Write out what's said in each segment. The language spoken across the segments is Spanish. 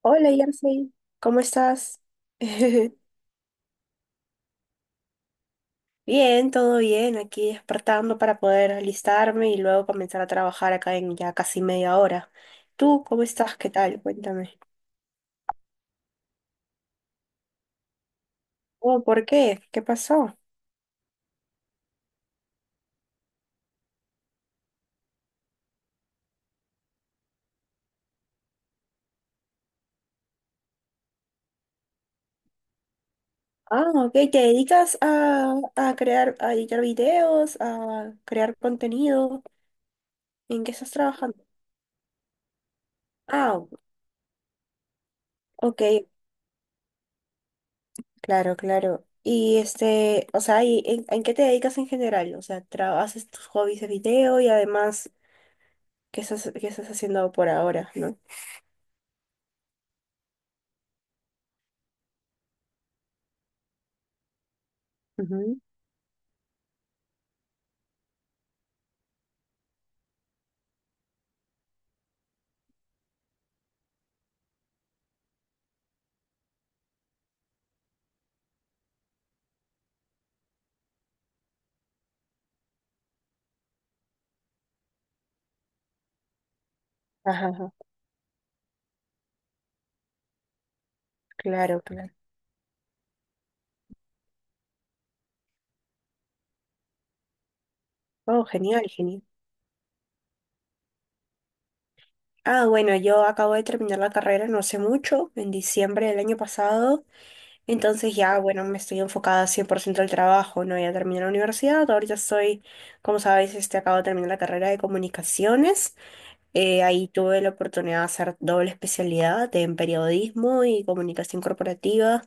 Hola, Yarsi, ¿cómo estás? Bien, todo bien, aquí despertando para poder alistarme y luego comenzar a trabajar acá en ya casi media hora. ¿Tú cómo estás? ¿Qué tal? Cuéntame. Oh, ¿por qué? ¿Qué pasó? Ah, ok, ¿te dedicas a crear, a editar videos, a crear contenido? ¿En qué estás trabajando? Ah, ok, claro, claro. Y o sea, ¿y en qué te dedicas en general? O sea, haces tus hobbies de video y además qué estás haciendo por ahora, ¿no? Ujú. Ajá, ajá. Claro, claro. Oh, genial, genial. Ah, bueno, yo acabo de terminar la carrera no hace mucho, en diciembre del año pasado, entonces ya, bueno, me estoy enfocada 100% al trabajo, ¿no? Ya terminé la universidad, ahorita estoy, como sabéis, acabo de terminar la carrera de comunicaciones. Ahí tuve la oportunidad de hacer doble especialidad en periodismo y comunicación corporativa.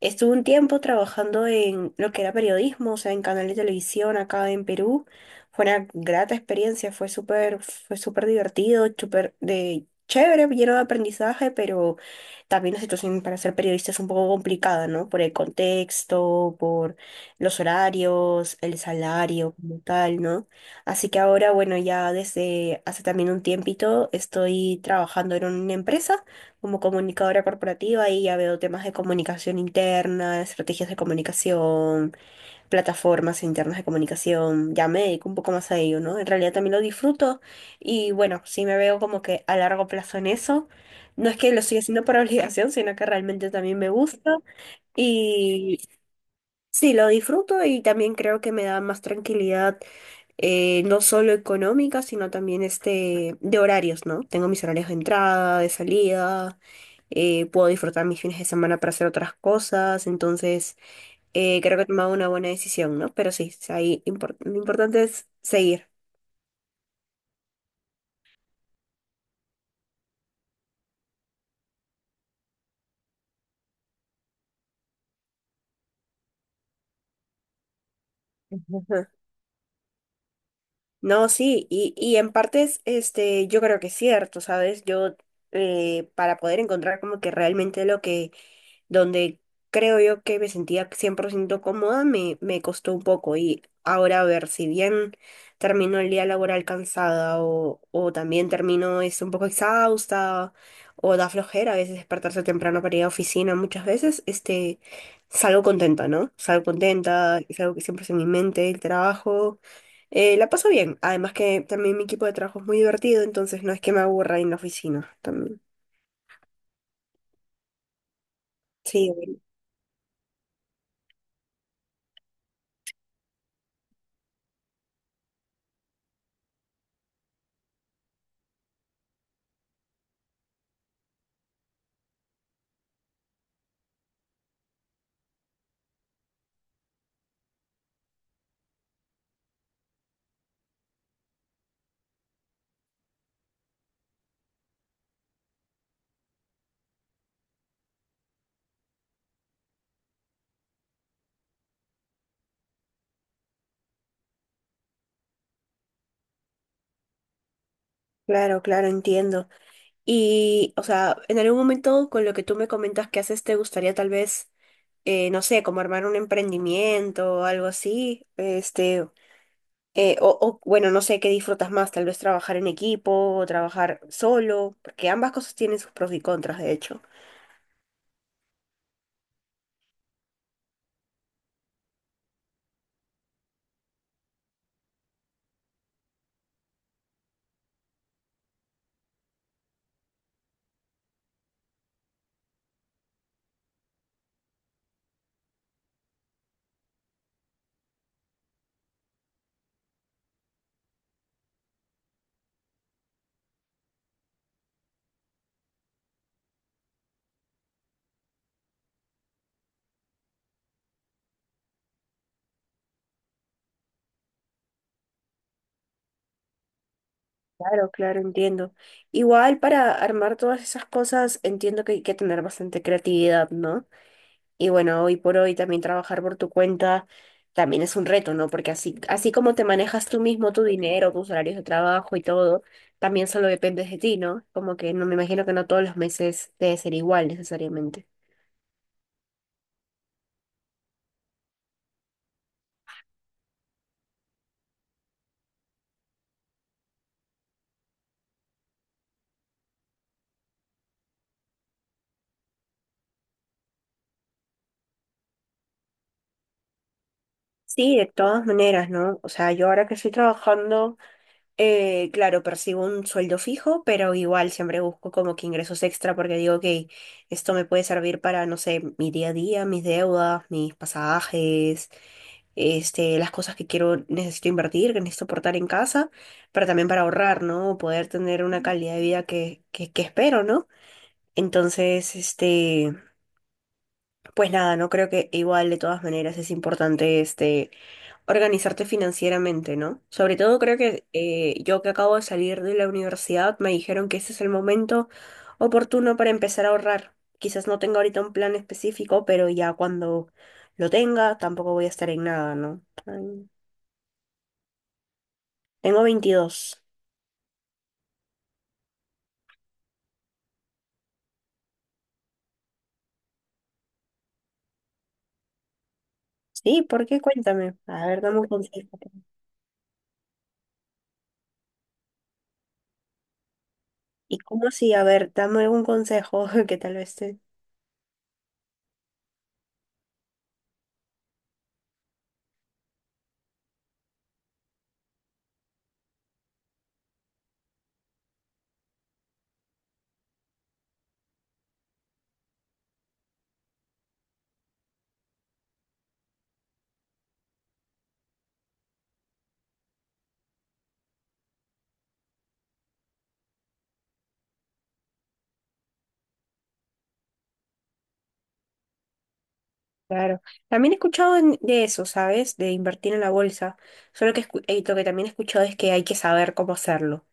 Estuve un tiempo trabajando en lo que era periodismo, o sea, en canal de televisión acá en Perú. Fue una grata experiencia, fue súper divertido, súper de chévere, lleno de aprendizaje, pero también la situación para ser periodista es un poco complicada, ¿no? Por el contexto, por los horarios, el salario como tal, ¿no? Así que ahora, bueno, ya desde hace también un tiempito estoy trabajando en una empresa como comunicadora corporativa y ya veo temas de comunicación interna, estrategias de comunicación, plataformas internas de comunicación, ya me dedico un poco más a ello, ¿no? En realidad también lo disfruto y bueno, sí me veo como que a largo plazo en eso. No es que lo estoy haciendo por obligación, sino que realmente también me gusta y sí, lo disfruto y también creo que me da más tranquilidad, no solo económica, sino también de horarios, ¿no? Tengo mis horarios de entrada, de salida. Eh, puedo disfrutar mis fines de semana para hacer otras cosas, entonces creo que he tomado una buena decisión, ¿no? Pero sí, ahí lo importante es seguir. No, sí, y en partes, yo creo que es cierto, ¿sabes? Para poder encontrar como que realmente donde creo yo que me sentía 100% cómoda, me costó un poco. Y ahora, a ver, si bien termino el día laboral cansada o también termino es un poco exhausta o da flojera a veces despertarse temprano para ir a oficina, muchas veces, salgo contenta, ¿no? Salgo contenta, es algo que siempre es en mi mente, el trabajo. La paso bien, además que también mi equipo de trabajo es muy divertido, entonces no es que me aburra en la oficina también. Sí, claro, claro, entiendo. Y, o sea, en algún momento con lo que tú me comentas que haces, ¿te gustaría tal vez, no sé, como armar un emprendimiento o algo así? O, bueno, no sé qué disfrutas más, tal vez trabajar en equipo o trabajar solo, porque ambas cosas tienen sus pros y contras, de hecho. Claro, claro, entiendo. Igual para armar todas esas cosas entiendo que hay que tener bastante creatividad, ¿no? Y bueno, hoy por hoy también trabajar por tu cuenta también es un reto, ¿no? Porque así, así como te manejas tú mismo tu dinero, tus horarios de trabajo y todo, también solo dependes de ti, ¿no? Como que no me imagino que no todos los meses debe ser igual necesariamente. Sí, de todas maneras, ¿no? O sea, yo ahora que estoy trabajando, claro, percibo un sueldo fijo, pero igual siempre busco como que ingresos extra porque digo, ok, esto me puede servir para, no sé, mi día a día, mis deudas, mis pasajes, las cosas que quiero, necesito invertir, que necesito aportar en casa, pero también para ahorrar, ¿no? Poder tener una calidad de vida que espero, ¿no? Entonces, este... Pues nada, no creo que igual de todas maneras es importante organizarte financieramente, ¿no? Sobre todo creo que yo que acabo de salir de la universidad me dijeron que ese es el momento oportuno para empezar a ahorrar. Quizás no tenga ahorita un plan específico, pero ya cuando lo tenga tampoco voy a estar en nada, ¿no? Ay, tengo 22. Sí, ¿por qué? Cuéntame. A ver, dame un consejo. ¿Y cómo así? A ver, dame un consejo que tal vez te... Claro. También he escuchado de eso, ¿sabes? De invertir en la bolsa. Solo que lo que también he escuchado es que hay que saber cómo hacerlo.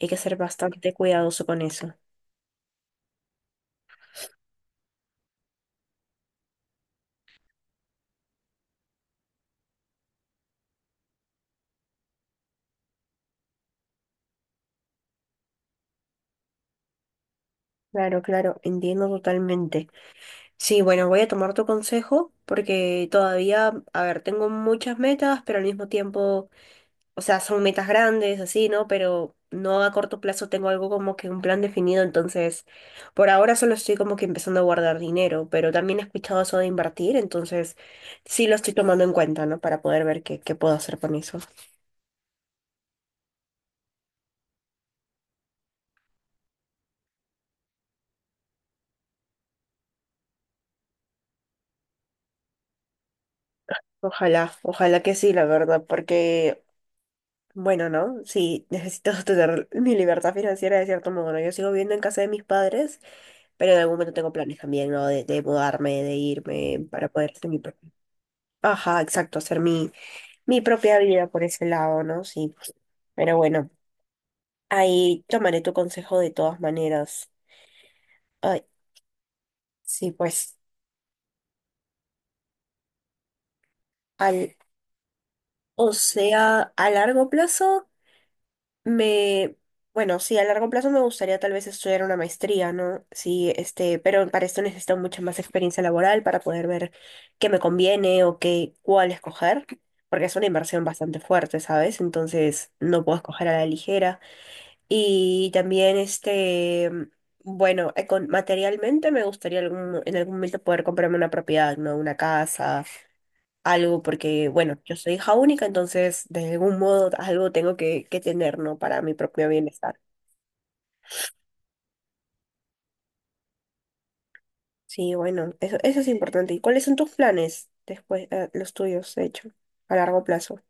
Hay que ser bastante cuidadoso con eso. Claro, claro, entiendo totalmente. Sí, bueno, voy a tomar tu consejo porque todavía, a ver, tengo muchas metas, pero al mismo tiempo... o sea, son metas grandes, así, ¿no? Pero no a corto plazo tengo algo como que un plan definido, entonces por ahora solo estoy como que empezando a guardar dinero, pero también he escuchado eso de invertir, entonces sí lo estoy tomando en cuenta, ¿no? Para poder ver qué puedo hacer con eso. Ojalá, ojalá que sí, la verdad, porque, bueno, ¿no? Sí, necesito tener mi libertad financiera de cierto modo, ¿no? Yo sigo viviendo en casa de mis padres, pero en algún momento tengo planes también, ¿no? De mudarme, de irme para poder hacer mi propio. Ajá, exacto, mi propia vida por ese lado, ¿no? Sí. Pero bueno, ahí tomaré tu consejo de todas maneras. Ay, sí, pues, al, a largo plazo me, bueno, sí, a largo plazo me gustaría tal vez estudiar una maestría, ¿no? Sí, pero para esto necesito mucha más experiencia laboral para poder ver qué me conviene o cuál escoger, porque es una inversión bastante fuerte, ¿sabes? Entonces, no puedo escoger a la ligera. Y también, bueno, materialmente me gustaría en algún momento poder comprarme una propiedad, ¿no? Una casa, algo, porque, bueno, yo soy hija única, entonces de algún modo algo tengo que tener, ¿no? Para mi propio bienestar. Sí, bueno, eso es importante. ¿Y cuáles son tus planes después, los tuyos, de hecho, a largo plazo?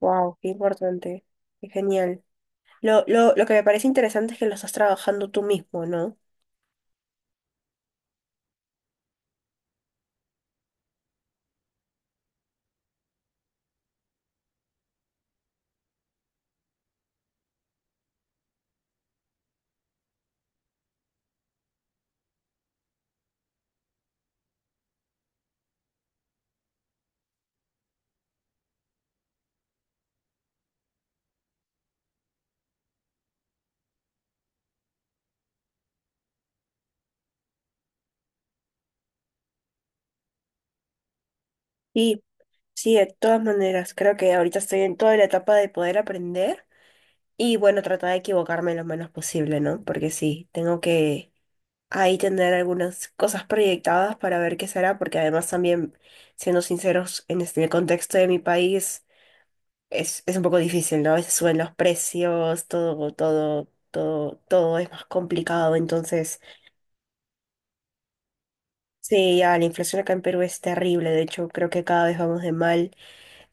Wow, qué importante, qué genial. Lo que me parece interesante es que lo estás trabajando tú mismo, ¿no? Sí. Sí, de todas maneras, creo que ahorita estoy en toda la etapa de poder aprender y bueno, tratar de equivocarme lo menos posible, ¿no? Porque sí, tengo que ahí tener algunas cosas proyectadas para ver qué será, porque además también, siendo sinceros, en el contexto de mi país es un poco difícil, ¿no? A veces suben los precios, todo, todo, todo, todo es más complicado, entonces sí, ya la inflación acá en Perú es terrible, de hecho creo que cada vez vamos de mal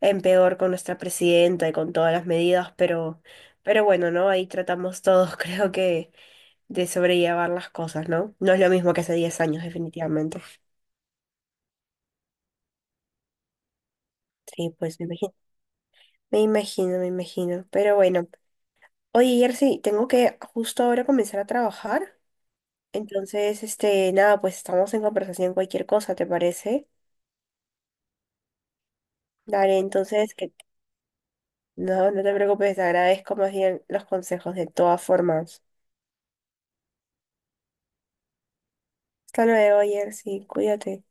en peor con nuestra presidenta y con todas las medidas, pero bueno, ¿no? Ahí tratamos todos, creo que, de sobrellevar las cosas, ¿no? No es lo mismo que hace 10 años, definitivamente. Sí, pues me imagino, me imagino, me imagino. Pero bueno, oye, Jersey, tengo que justo ahora comenzar a trabajar. Entonces, nada, pues estamos en conversación cualquier cosa, ¿te parece? Dale, entonces, que no, no te preocupes, te agradezco más bien los consejos de todas formas. Hasta luego, Jersey, cuídate.